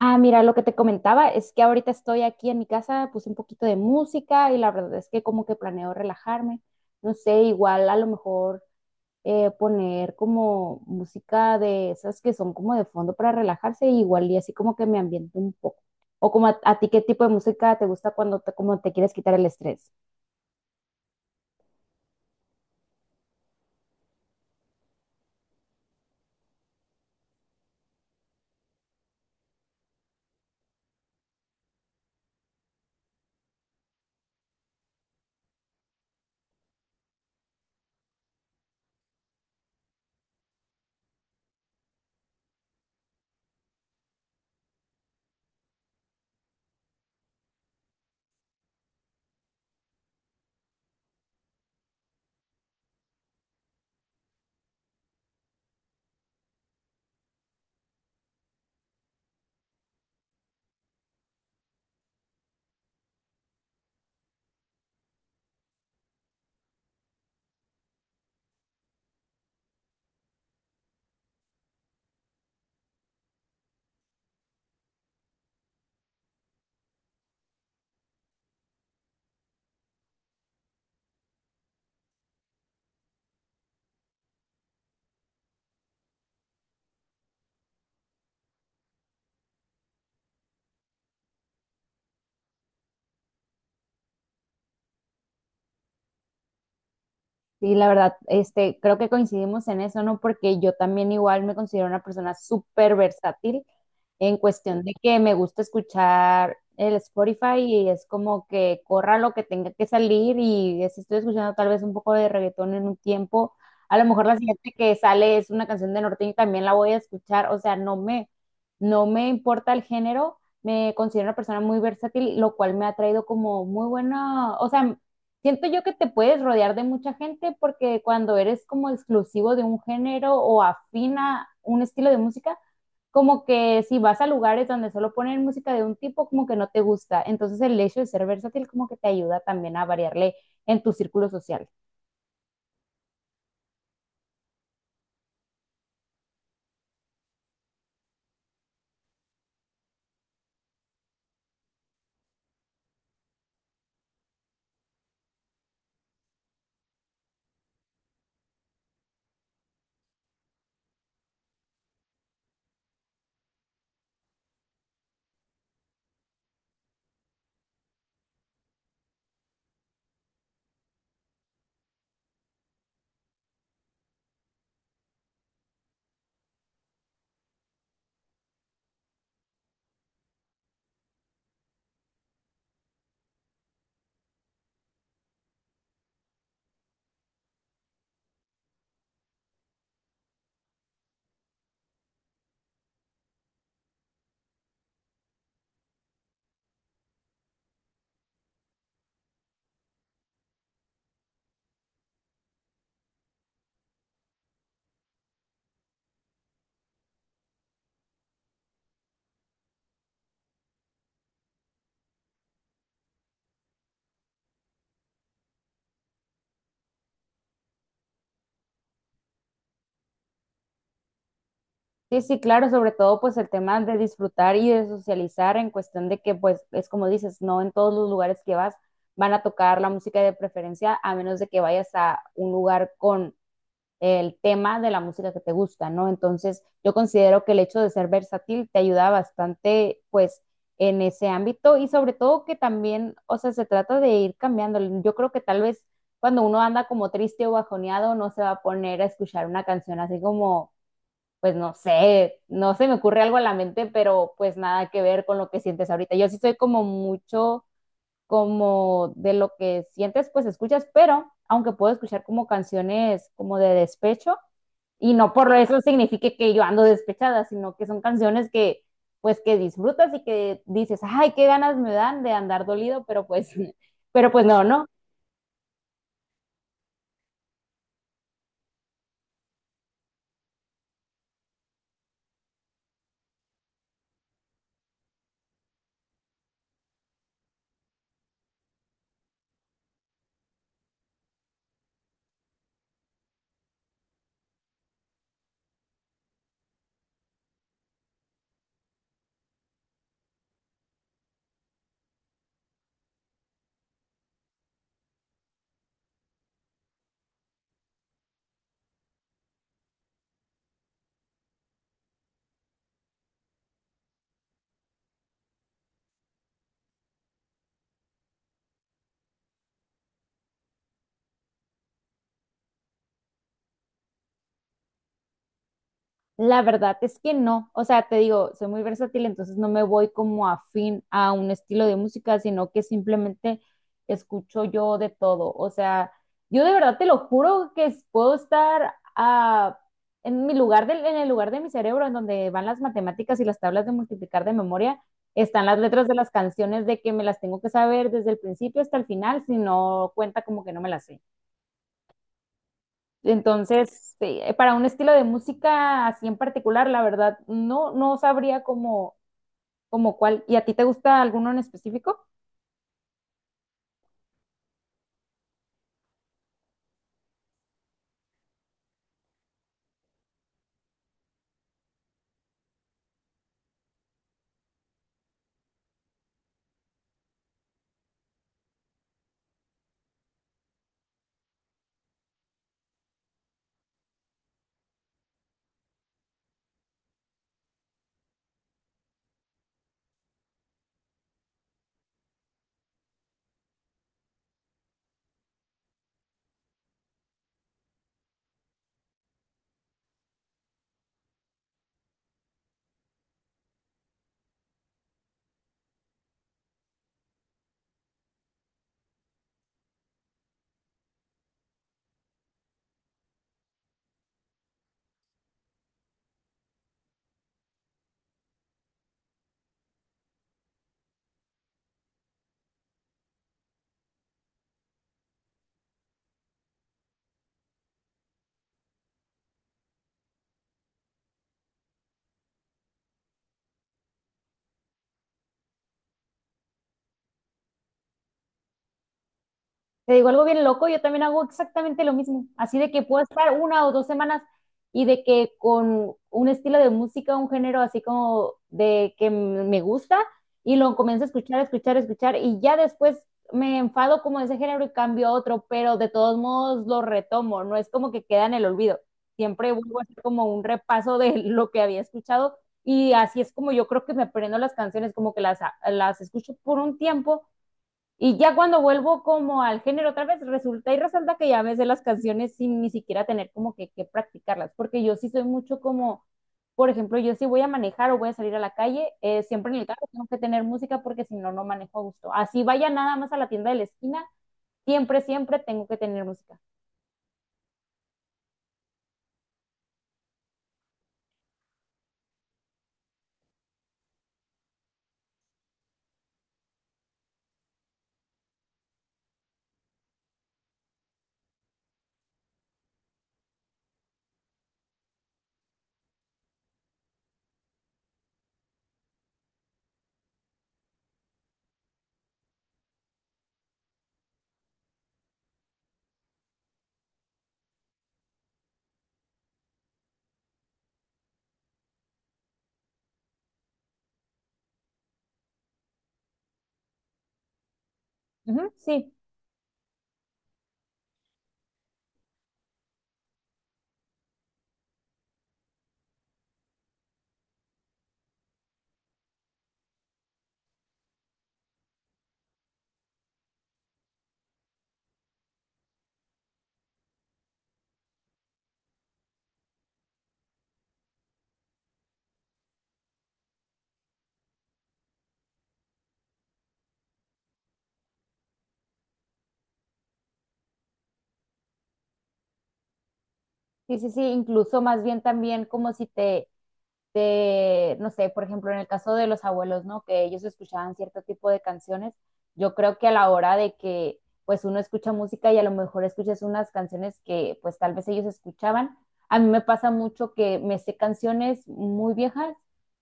Ah, mira, lo que te comentaba es que ahorita estoy aquí en mi casa, puse un poquito de música y la verdad es que como que planeo relajarme. No sé, igual a lo mejor poner como música de esas que son como de fondo para relajarse, igual y así como que me ambiente un poco. O como a ti, ¿qué tipo de música te gusta cuando te, como te quieres quitar el estrés? Sí, la verdad, este, creo que coincidimos en eso, ¿no? Porque yo también igual me considero una persona súper versátil en cuestión de que me gusta escuchar el Spotify y es como que corra lo que tenga que salir y si estoy escuchando tal vez un poco de reggaetón en un tiempo, a lo mejor la siguiente que sale es una canción de norteño y también la voy a escuchar, o sea, no me, no me importa el género, me considero una persona muy versátil, lo cual me ha traído como muy buena, o sea, siento yo que te puedes rodear de mucha gente porque cuando eres como exclusivo de un género o afina un estilo de música, como que si vas a lugares donde solo ponen música de un tipo, como que no te gusta. Entonces el hecho de ser versátil como que te ayuda también a variarle en tu círculo social. Sí, sí, claro, sobre todo pues el tema de disfrutar y de socializar en cuestión de que pues es como dices, no en todos los lugares que vas van a tocar la música de preferencia a menos de que vayas a un lugar con el tema de la música que te gusta, ¿no? Entonces, yo considero que el hecho de ser versátil te ayuda bastante, pues, en ese ámbito y sobre todo que también, o sea, se trata de ir cambiando. Yo creo que tal vez cuando uno anda como triste o bajoneado, no se va a poner a escuchar una canción así como, pues, no sé, no se me ocurre algo a la mente, pero pues nada que ver con lo que sientes ahorita. Yo sí soy como mucho como de lo que sientes, pues escuchas, pero aunque puedo escuchar como canciones como de despecho, y no por eso signifique que yo ando despechada, sino que son canciones que pues que disfrutas y que dices, ay, qué ganas me dan de andar dolido, pero pues, pero pues no, no, la verdad es que no, o sea, te digo, soy muy versátil, entonces no me voy como afín a un estilo de música, sino que simplemente escucho yo de todo, o sea, yo de verdad te lo juro que es- puedo estar en mi lugar del, en el lugar de mi cerebro en donde van las matemáticas y las tablas de multiplicar de memoria, están las letras de las canciones de que me las tengo que saber desde el principio hasta el final, si no cuenta como que no me las sé. Entonces, sí, para un estilo de música así en particular, la verdad, no, no sabría cómo, cómo cuál. ¿Y a ti te gusta alguno en específico? Te digo algo bien loco, yo también hago exactamente lo mismo, así de que puedo estar una o dos semanas y de que con un estilo de música, un género así como de que m- me gusta y lo comienzo a escuchar, escuchar, escuchar y ya después me enfado como de ese género y cambio a otro, pero de todos modos lo retomo, no es como que queda en el olvido, siempre vuelvo a hacer como un repaso de lo que había escuchado y así es como yo creo que me aprendo las canciones, como que las escucho por un tiempo y ya cuando vuelvo como al género otra vez, resulta y resalta que ya me sé las canciones sin ni siquiera tener como que practicarlas, porque yo sí soy mucho como, por ejemplo, yo si voy a manejar o voy a salir a la calle, siempre en el carro tengo que tener música porque si no, no manejo a gusto. Así vaya nada más a la tienda de la esquina, siempre, siempre tengo que tener música. Ujú, sí, sí, sí, sí, incluso más bien también como si te de, no sé, por ejemplo, en el caso de los abuelos, ¿no? Que ellos escuchaban cierto tipo de canciones, yo creo que a la hora de que pues uno escucha música y a lo mejor escuchas unas canciones que pues tal vez ellos escuchaban. A mí me pasa mucho que me sé canciones muy viejas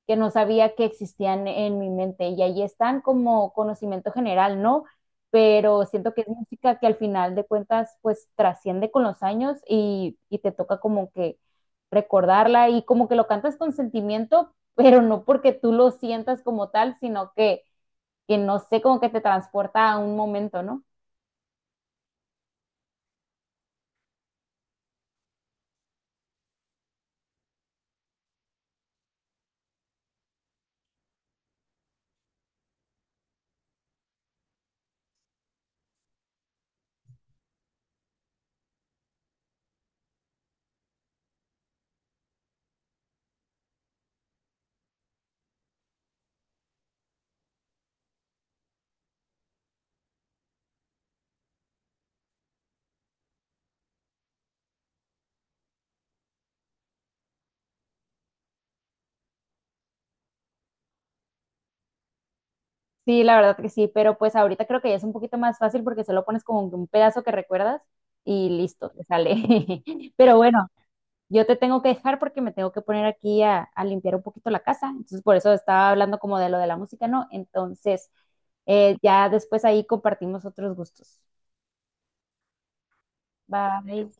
que no sabía que existían en mi mente y ahí están como conocimiento general, ¿no? Pero siento que es música que al final de cuentas pues trasciende con los años y te toca como que recordarla y como que lo cantas con sentimiento, pero no porque tú lo sientas como tal, sino que no sé, como que te transporta a un momento, ¿no? Sí, la verdad que sí, pero pues ahorita creo que ya es un poquito más fácil porque se lo pones como que un pedazo que recuerdas y listo, te sale. Pero bueno, yo te tengo que dejar porque me tengo que poner aquí a limpiar un poquito la casa, entonces por eso estaba hablando como de lo de la música, ¿no? Entonces, ya después ahí compartimos otros gustos. Bye.